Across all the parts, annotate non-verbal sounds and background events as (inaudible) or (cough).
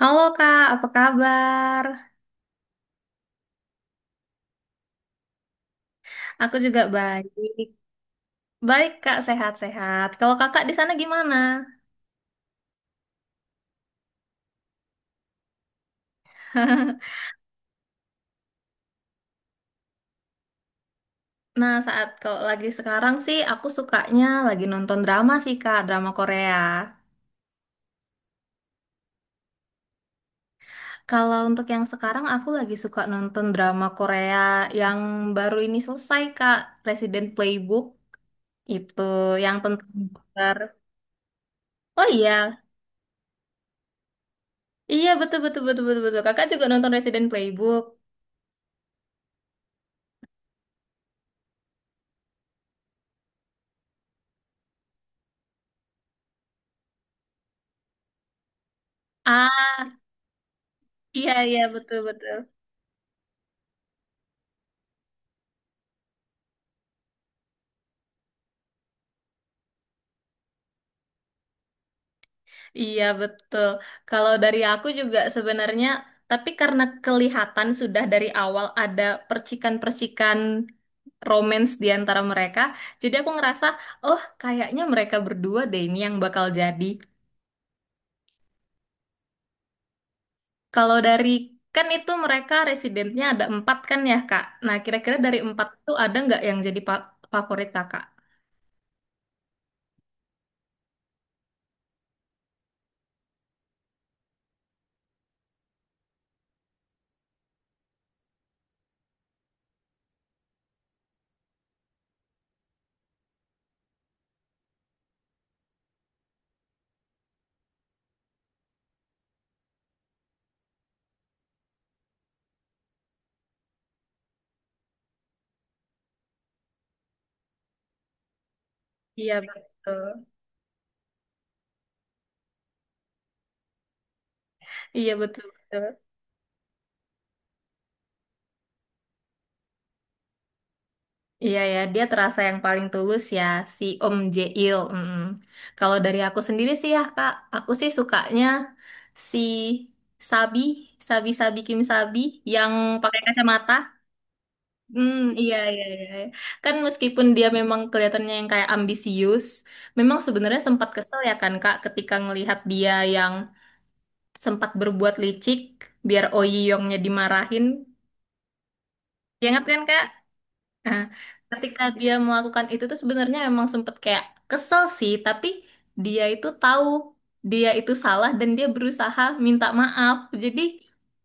Halo Kak, apa kabar? Aku juga baik. Baik Kak, sehat-sehat. Kalau Kakak di sana gimana? (laughs) Nah, saat kalau lagi sekarang sih aku sukanya lagi nonton drama sih Kak, drama Korea. Kalau untuk yang sekarang aku lagi suka nonton drama Korea yang baru ini selesai Kak, Resident Playbook itu yang tentang dokter. Oh iya. Iya, betul betul betul betul betul. Kakak juga nonton Resident Playbook. Ah, iya iya betul betul. Iya betul. Kalau dari aku juga sebenarnya, tapi karena kelihatan sudah dari awal ada percikan-percikan romance di antara mereka, jadi aku ngerasa, oh kayaknya mereka berdua deh ini yang bakal jadi. Kalau dari kan itu mereka residennya ada empat kan ya Kak. Nah kira-kira dari empat itu ada nggak yang jadi favorit Kakak? Iya betul. Iya betul. Iya ya, dia terasa yang paling tulus ya, si Om Jeil. Kalau dari aku sendiri sih ya Kak, aku sih sukanya si Sabi, Sabi Sabi Kim Sabi yang pakai kacamata. Hmm, iya, iya, iya. Iya. Kan meskipun dia memang kelihatannya yang kayak ambisius, memang sebenarnya sempat kesel ya kan Kak ketika ngelihat dia yang sempat berbuat licik biar Oh Ji Yongnya dimarahin. Ya, ingat kan Kak? Nah, ketika dia melakukan itu tuh sebenarnya emang sempet kayak kesel sih, tapi dia itu tahu dia itu salah dan dia berusaha minta maaf. Jadi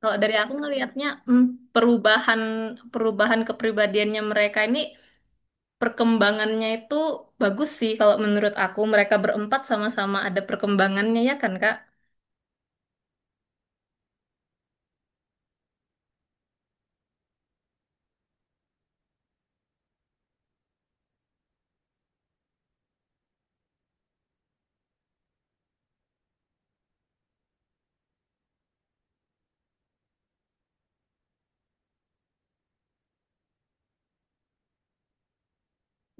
kalau dari aku ngelihatnya perubahan perubahan kepribadiannya mereka ini perkembangannya itu bagus sih kalau menurut aku. Mereka berempat sama-sama ada perkembangannya ya kan, Kak?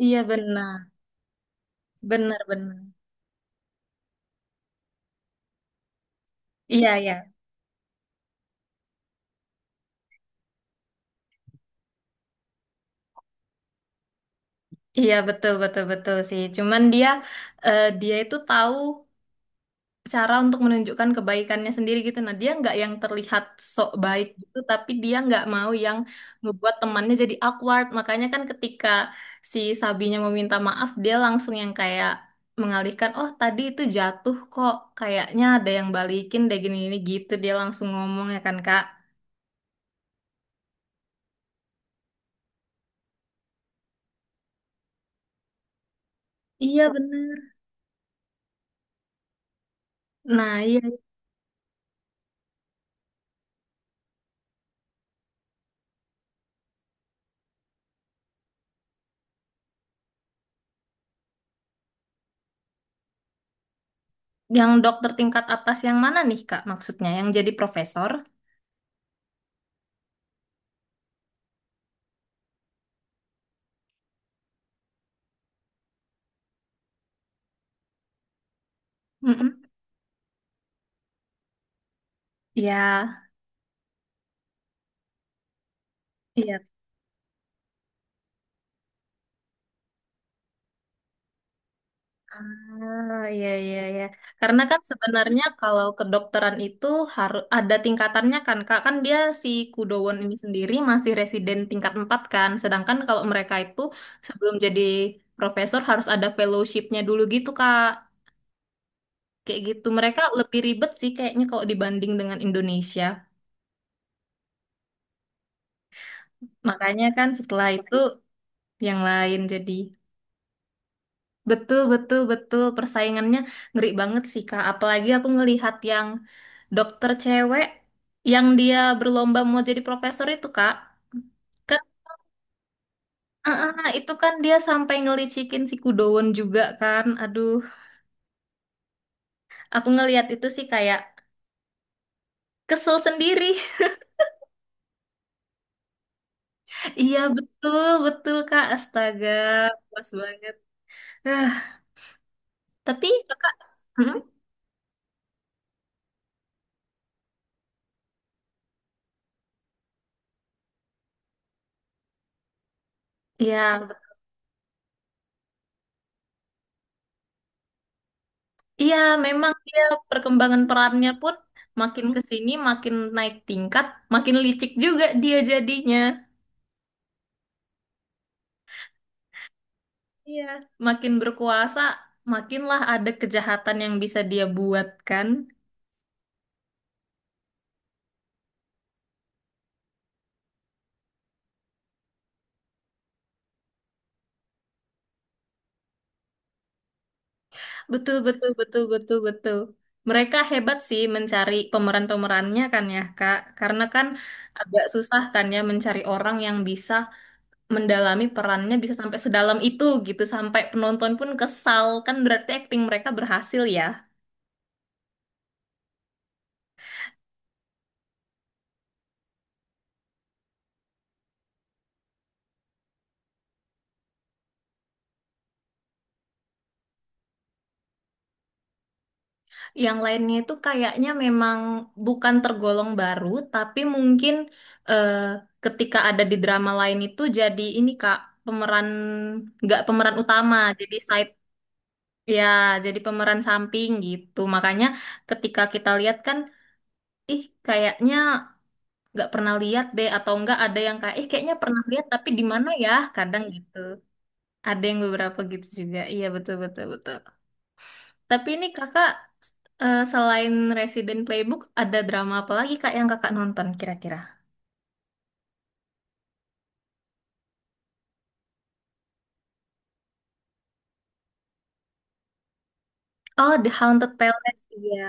Iya benar, benar benar. Iya ya, iya betul betul betul sih. Cuman dia itu tahu cara untuk menunjukkan kebaikannya sendiri gitu. Nah, dia nggak yang terlihat sok baik gitu, tapi dia nggak mau yang ngebuat temannya jadi awkward. Makanya kan ketika si Sabinya meminta maaf, dia langsung yang kayak mengalihkan, oh tadi itu jatuh kok, kayaknya ada yang balikin deh gini-gini gitu. Dia langsung ngomong ya kan, Kak. Iya bener. Nah, iya. Yang dokter tingkat atas yang mana nih, Kak, maksudnya? Yang jadi profesor? Mm-mm. Iya, iya. Ah, iya, iya, iya. Karena kan sebenarnya kalau kedokteran itu harus ada tingkatannya kan, Kak. Kan dia si Kudowon ini sendiri masih residen tingkat 4 kan. Sedangkan kalau mereka itu sebelum jadi profesor harus ada fellowshipnya dulu gitu, Kak. Kayak gitu. Mereka lebih ribet sih kayaknya kalau dibanding dengan Indonesia. Makanya kan setelah itu yang lain jadi. Betul, betul, betul. Persaingannya ngeri banget sih, Kak. Apalagi aku ngelihat yang dokter cewek yang dia berlomba mau jadi profesor itu, Kak. Kan, itu kan dia sampai ngelicikin si Kudowon juga kan. Aduh, aku ngelihat itu sih kayak kesel sendiri. (laughs) Iya, betul, betul, Kak. Astaga, puas banget. Ah, tapi Kakak, Hmm? Iya, iya, memang dia perkembangan perannya pun makin ke sini makin naik tingkat, makin licik juga dia jadinya. Iya, makin berkuasa, makinlah ada kejahatan yang bisa dia buat kan. Betul, betul, betul, betul, betul. Mereka hebat sih mencari pemeran-pemerannya kan ya, Kak. Karena kan agak susah kan ya mencari orang yang bisa mendalami perannya bisa sampai sedalam itu gitu, sampai penonton pun kesal. Kan berarti akting mereka berhasil ya. Yang lainnya itu kayaknya memang bukan tergolong baru, tapi mungkin eh, ketika ada di drama lain itu jadi ini Kak, pemeran nggak pemeran utama, jadi side ya, jadi pemeran samping gitu. Makanya ketika kita lihat kan, ih kayaknya nggak pernah lihat deh atau enggak ada yang kayak ih kayaknya pernah lihat tapi di mana ya? Kadang gitu. Ada yang beberapa gitu juga. Iya betul betul betul. Tapi ini kakak selain Resident Playbook ada drama apa lagi kak yang kakak nonton kira-kira? Oh, The Haunted Palace. Iya,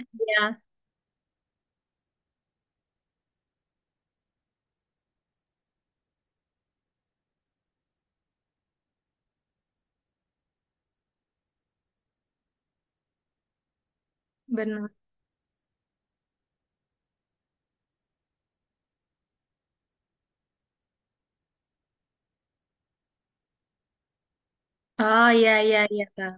iya, benar. Oh iya iya iya kak.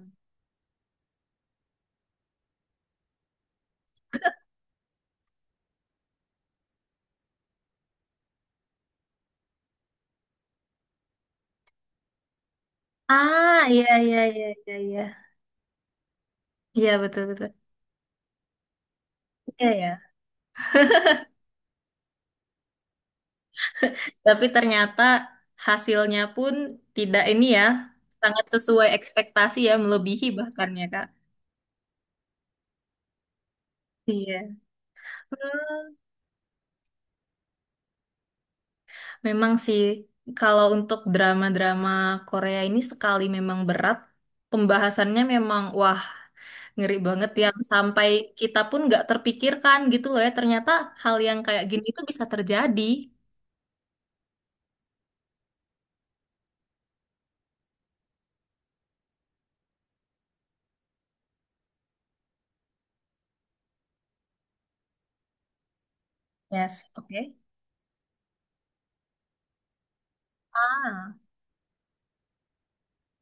Ah iya iya iya iya iya. Iya betul betul. Iya ya. Tapi ternyata hasilnya pun tidak ini ya, sangat sesuai ekspektasi ya, melebihi bahkan ya kak. Iya. Hmm, memang sih, kalau untuk drama-drama Korea ini sekali memang berat, pembahasannya memang wah ngeri banget yang sampai kita pun nggak terpikirkan gitu loh ya. Ternyata hal yang kayak gini itu bisa terjadi. Yes, oke. Ah,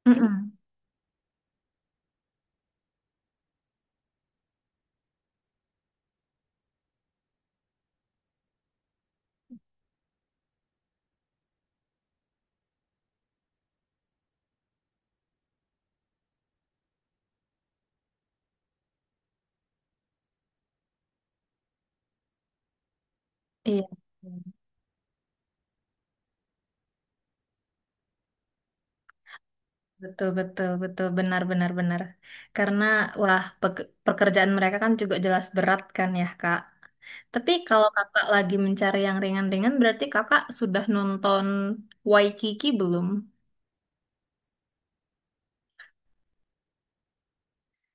mm-mm. Iya. Betul, betul, betul, benar, benar, benar. Karena, wah, pekerjaan mereka kan juga jelas berat kan ya, Kak. Tapi kalau kakak lagi mencari yang ringan-ringan, berarti kakak sudah nonton Waikiki belum?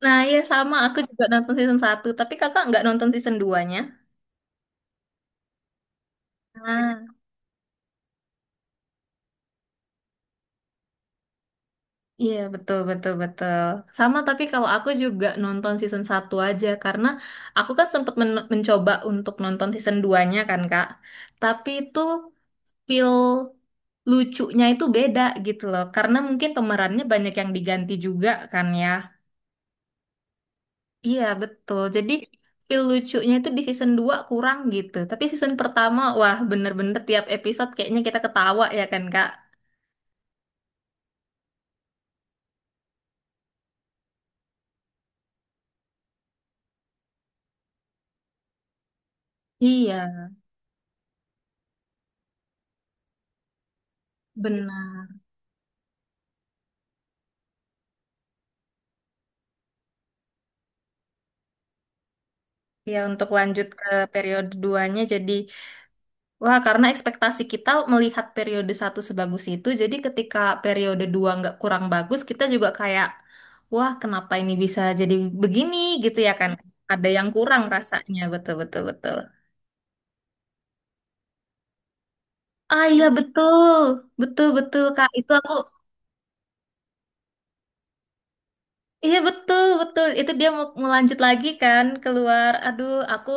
Nah, iya sama, aku juga nonton season satu tapi kakak nggak nonton season duanya. Ah, iya betul betul betul. Sama tapi kalau aku juga nonton season satu aja karena aku kan sempat mencoba untuk nonton season duanya kan Kak. Tapi itu feel lucunya itu beda gitu loh. Karena mungkin pemerannya banyak yang diganti juga kan ya. Iya, betul. Jadi feel lucunya itu di season 2 kurang gitu. Tapi season pertama, wah bener-bener tiap episode kayaknya kita ketawa ya kan, Kak? Iya, benar. Ya, untuk lanjut ke periode duanya jadi wah, karena ekspektasi kita melihat periode satu sebagus itu, jadi ketika periode dua nggak kurang bagus, kita juga kayak, wah, kenapa ini bisa jadi begini gitu ya kan? Ada yang kurang rasanya, betul betul betul. Ah iya betul, betul betul Kak. Itu aku, iya betul betul. Itu dia mau melanjut lagi kan keluar. Aduh, aku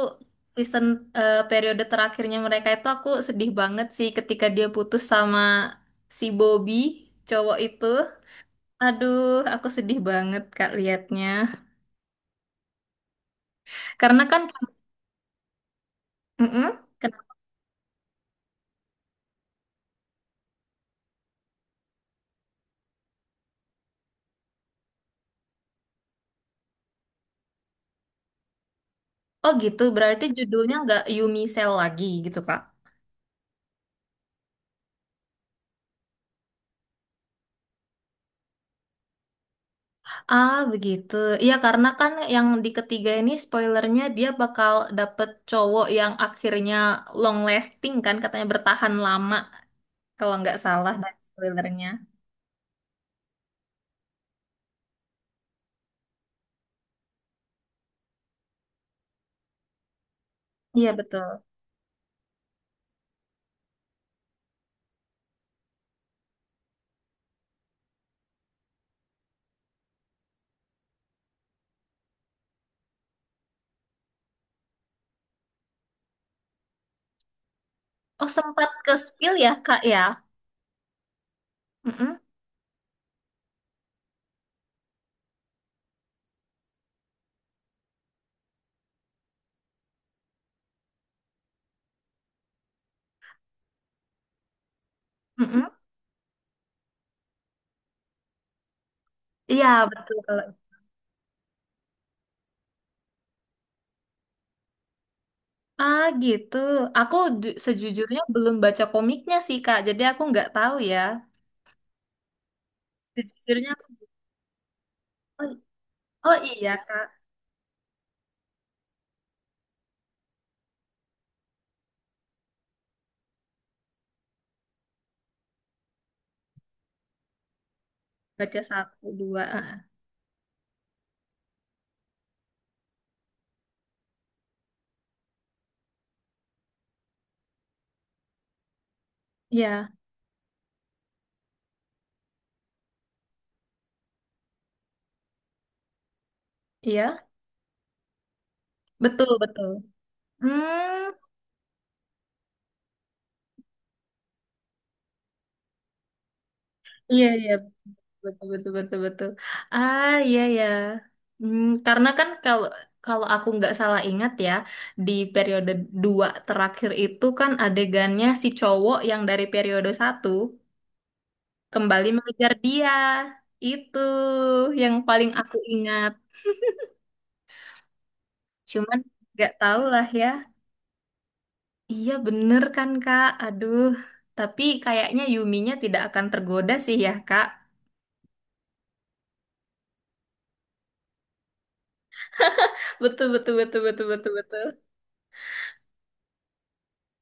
season periode terakhirnya mereka itu aku sedih banget sih ketika dia putus sama si Bobby cowok itu. Aduh, aku sedih banget Kak liatnya. Karena kan, Mm-mm. Kenapa? Oh gitu, berarti judulnya nggak Yumi Cell lagi gitu Kak. Ah begitu, iya karena kan yang di ketiga ini spoilernya dia bakal dapet cowok yang akhirnya long lasting kan, katanya bertahan lama kalau nggak salah dari spoilernya. Iya betul. Oh sempat ke spill ya Kak ya? Mm-mm. Mm-mm. Iya betul. Ah gitu. Aku sejujurnya belum baca komiknya sih Kak, jadi aku nggak tahu ya. Sejujurnya oh, oh iya Kak, baca satu dua. Ah, ah. Iya, iya, betul betul. Hmm, iya iya betul betul betul betul. Ah iya ya. Hmm, karena kan kalau kalau aku nggak salah ingat ya, di periode dua terakhir itu kan adegannya si cowok yang dari periode satu. Kembali mengejar dia. Itu yang paling aku ingat. Cuman gak tahu lah ya. Iya bener kan Kak? Aduh. Tapi kayaknya Yuminya tidak akan tergoda sih ya Kak. Betul, betul, betul, betul, betul, betul.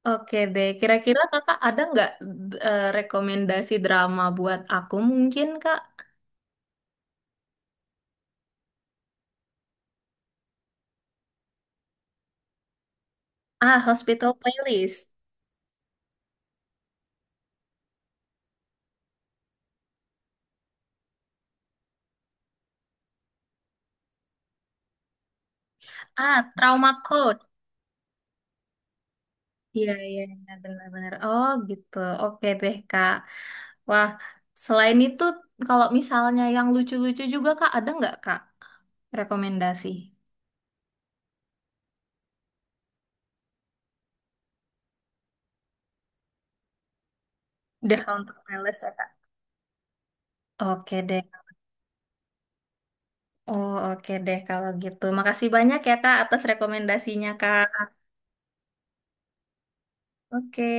Oke deh, kira-kira kakak ada nggak rekomendasi drama buat aku mungkin kak? Ah, Hospital Playlist. Ah, Trauma Code. Iya, iya, iya, benar-benar. Oh, gitu. Oke deh, Kak. Wah, selain itu, kalau misalnya yang lucu-lucu juga, Kak, ada nggak, Kak, rekomendasi? Udah untuk playlist ya, Kak. Oke deh. Oh, oke deh kalau gitu. Makasih banyak ya, Kak, atas rekomendasinya, Kak. Oke.